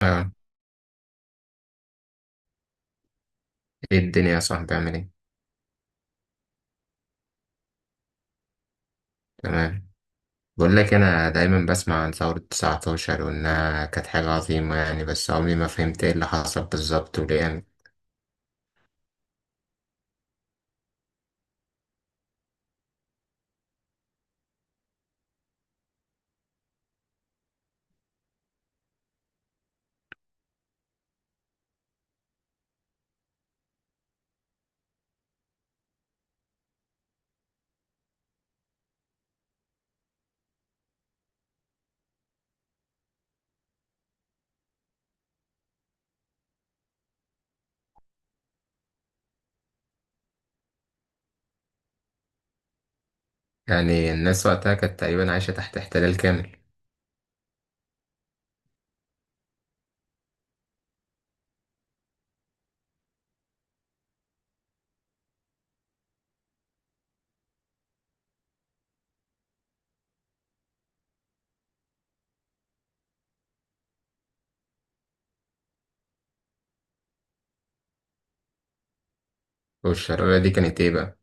اه، ايه الدنيا يا صاحبي عامل ايه؟ تمام. بقول لك انا دايما بسمع عن ثورة 19 وانها كانت حاجة عظيمة يعني، بس عمري ما فهمت ايه اللي حصل بالظبط وليه يعني. يعني الناس وقتها كانت تقريبا عايشة تحت احتلال كامل. والشرارة دي كانت ايه بقى؟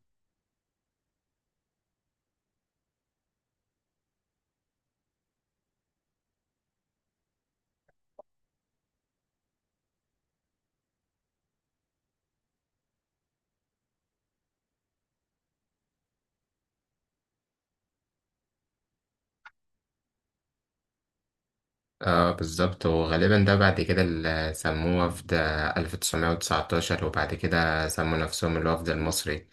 اه بالظبط، وغالبا ده بعد كده اللي سموه وفد 1919، وبعد كده سموا نفسهم الوفد المصري.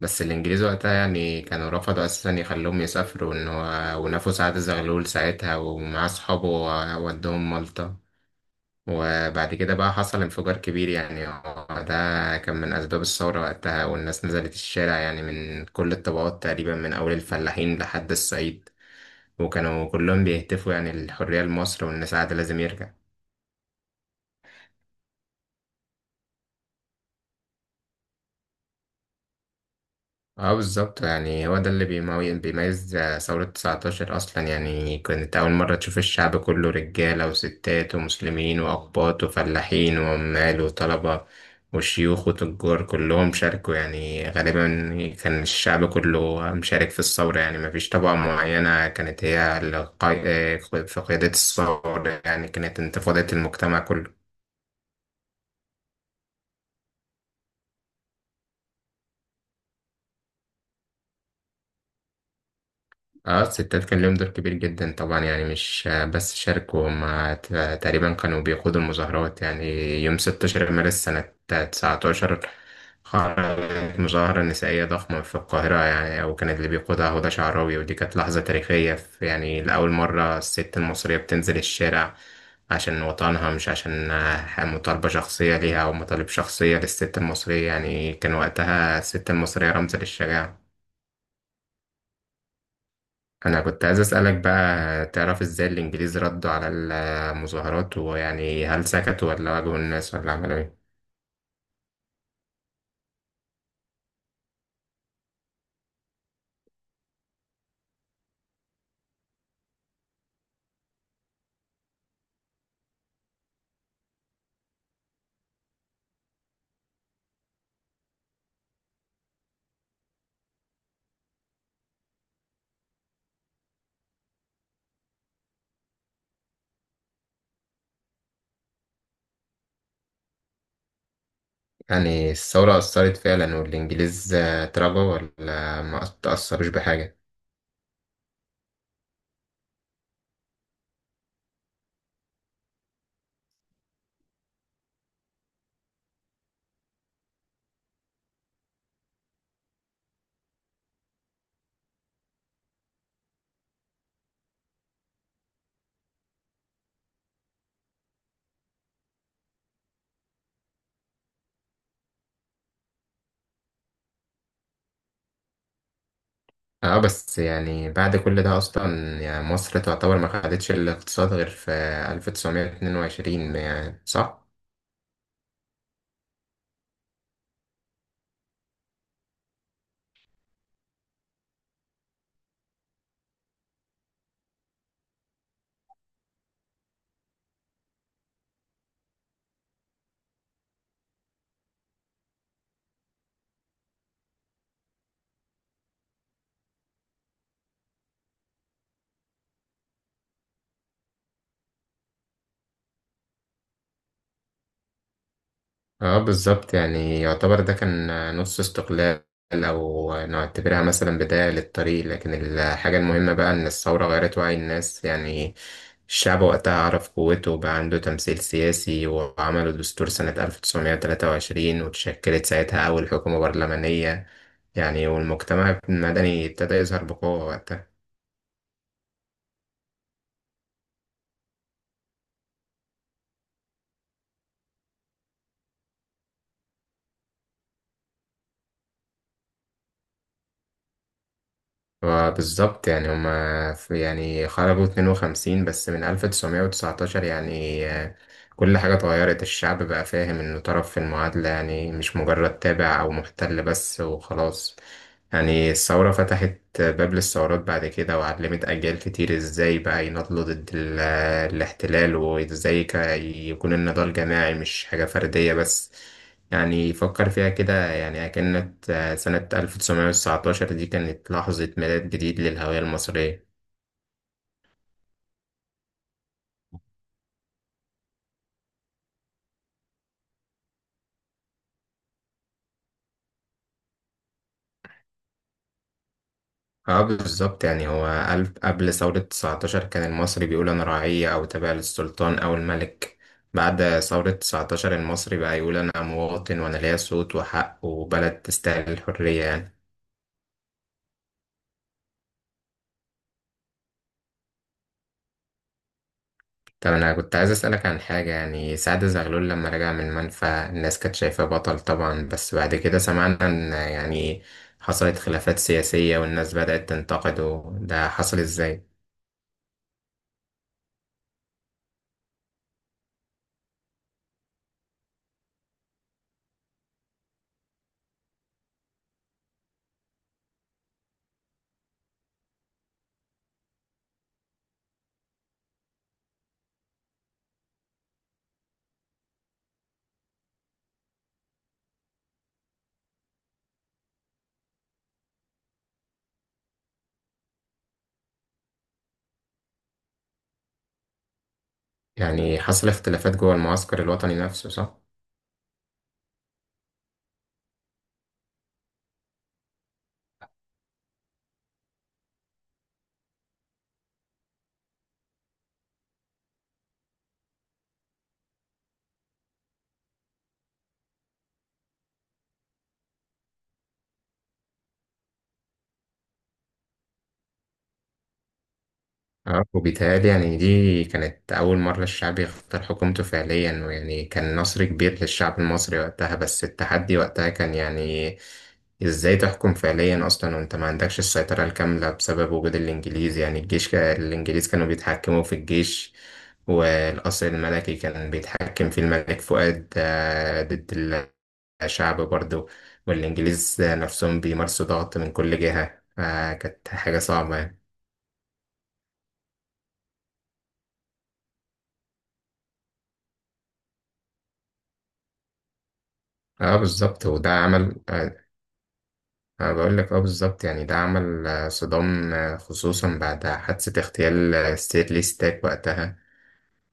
بس الإنجليز وقتها يعني كانوا رفضوا أساسا يخلوهم يسافروا، إن هو ونفوا سعد زغلول ساعتها ومعاه صحابه ودوهم مالطا. وبعد كده بقى حصل انفجار كبير، يعني هو ده كان من أسباب الثورة وقتها، والناس نزلت الشارع يعني من كل الطبقات تقريبا، من أول الفلاحين لحد الصعيد، وكانوا كلهم بيهتفوا يعني الحرية لمصر، وإن سعد لازم يرجع. اه بالظبط، يعني هو ده اللي بيميز ثورة 19 أصلا. يعني كانت أول مرة تشوف الشعب كله، رجالة وستات ومسلمين وأقباط وفلاحين وعمال وطلبة وشيوخ وتجار، كلهم شاركوا يعني. غالبا كان الشعب كله مشارك في الثورة، يعني مفيش طبقة معينة كانت هي في قيادة الثورة، يعني كانت انتفاضة المجتمع كله. اه الستات كان لهم دور كبير جدا طبعا، يعني مش بس شاركوا، هم تقريبا كانوا بيقودوا المظاهرات يعني. يوم 16 مارس سنة 19 خرجت مظاهرة نسائية ضخمة في القاهرة يعني، وكانت اللي بيقودها هدى شعراوي، ودي كانت لحظة تاريخية، في يعني لأول مرة الست المصرية بتنزل الشارع عشان وطنها، مش عشان مطالبة شخصية ليها أو مطالب شخصية للست المصرية. يعني كان وقتها الست المصرية رمز للشجاعة. انا كنت عايز اسالك بقى، تعرف ازاي الانجليز ردوا على المظاهرات؟ ويعني هل سكتوا ولا واجهوا الناس ولا عملوا ايه؟ يعني الثوره اثرت فعلا والانجليز اتراجعوا، ولا ما تاثروش بحاجه؟ اه بس يعني بعد كل ده اصلا، يعني مصر تعتبر ما خدتش الاقتصاد غير في 1922 يعني، صح؟ اه بالظبط، يعني يعتبر ده كان نص استقلال، او نعتبرها مثلا بداية للطريق. لكن الحاجة المهمة بقى ان الثورة غيرت وعي الناس يعني. الشعب وقتها عرف قوته وبقى عنده تمثيل سياسي، وعملوا دستور سنة 1923، وتشكلت ساعتها أول حكومة برلمانية يعني، والمجتمع المدني ابتدى يظهر بقوة وقتها. بالظبط، يعني هما يعني خرجوا 52 بس، من 1919 يعني كل حاجة اتغيرت. الشعب بقى فاهم إنه طرف في المعادلة، يعني مش مجرد تابع أو محتل بس وخلاص. يعني الثورة فتحت باب للثورات بعد كده، وعلمت أجيال كتير إزاي بقى يناضلوا ضد الاحتلال، وإزاي يكون النضال جماعي مش حاجة فردية بس. يعني فكر فيها كده، يعني كانت سنة 1919 دي كانت لحظة ميلاد جديد للهوية المصرية. اه بالظبط، يعني هو ألف قبل ثورة 19 كان المصري بيقول أنا رعية أو تابع للسلطان أو الملك. بعد ثورة 19 المصري بقى يقول أنا مواطن وأنا ليا صوت وحق وبلد تستاهل الحرية يعني. طب أنا كنت عايز أسألك عن حاجة، يعني سعد زغلول لما رجع من المنفى الناس كانت شايفاه بطل طبعا، بس بعد كده سمعنا إن يعني حصلت خلافات سياسية والناس بدأت تنتقده، ده حصل إزاي؟ يعني حصل اختلافات جوه المعسكر الوطني نفسه صح؟ اه وبيتهيألي يعني دي كانت أول مرة الشعب يختار حكومته فعليا، ويعني كان نصر كبير للشعب المصري وقتها، بس التحدي وقتها كان يعني ازاي تحكم فعليا أصلا وانت ما عندكش السيطرة الكاملة بسبب وجود الإنجليز. يعني الجيش الإنجليز كانوا بيتحكموا في الجيش، والقصر الملكي كان بيتحكم فيه الملك فؤاد ضد الشعب برضه، والإنجليز نفسهم بيمارسوا ضغط من كل جهة، فكانت حاجة صعبة يعني. اه بالظبط، وده عمل انا بقول لك، اه بالظبط، يعني ده عمل صدام، خصوصا بعد حادثة اغتيال ستيرلي ستاك وقتها.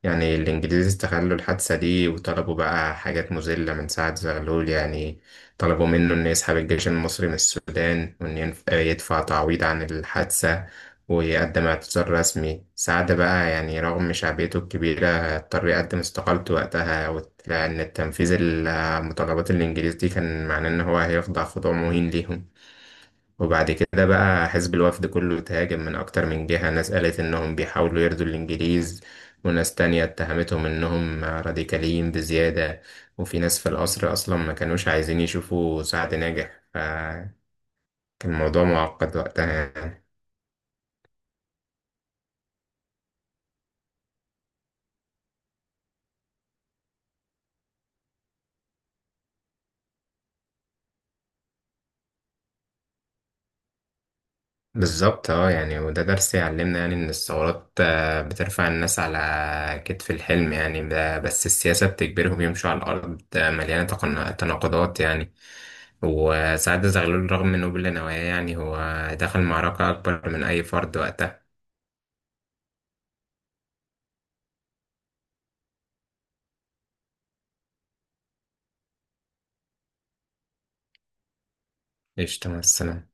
يعني الإنجليز استغلوا الحادثة دي وطلبوا بقى حاجات مذلة من سعد زغلول يعني. طلبوا منه إنه يسحب الجيش المصري من السودان، وإن يدفع تعويض عن الحادثة، ويقدم اعتذار رسمي. سعد بقى، يعني رغم شعبيته الكبيرة، اضطر يقدم استقالته وقتها، لأن التنفيذ المتطلبات الإنجليز دي كان معناه إن هو هيخضع خضوع مهين ليهم. وبعد كده بقى حزب الوفد كله تهاجم من أكتر من جهة، ناس قالت إنهم بيحاولوا يرضوا الإنجليز، وناس تانية اتهمتهم إنهم راديكاليين بزيادة، وفي ناس في القصر أصلا ما كانوش عايزين يشوفوا سعد ناجح، فكان الموضوع معقد وقتها يعني. بالظبط اه، يعني وده درس يعلمنا، يعني إن الثورات بترفع الناس على كتف الحلم يعني، بس السياسة بتجبرهم يمشوا على الأرض مليانة تناقضات يعني. وساعات زغلول رغم إنه بلا نوايا، يعني هو دخل معركة أكبر من أي فرد وقتها. قشطة، مع السلامة.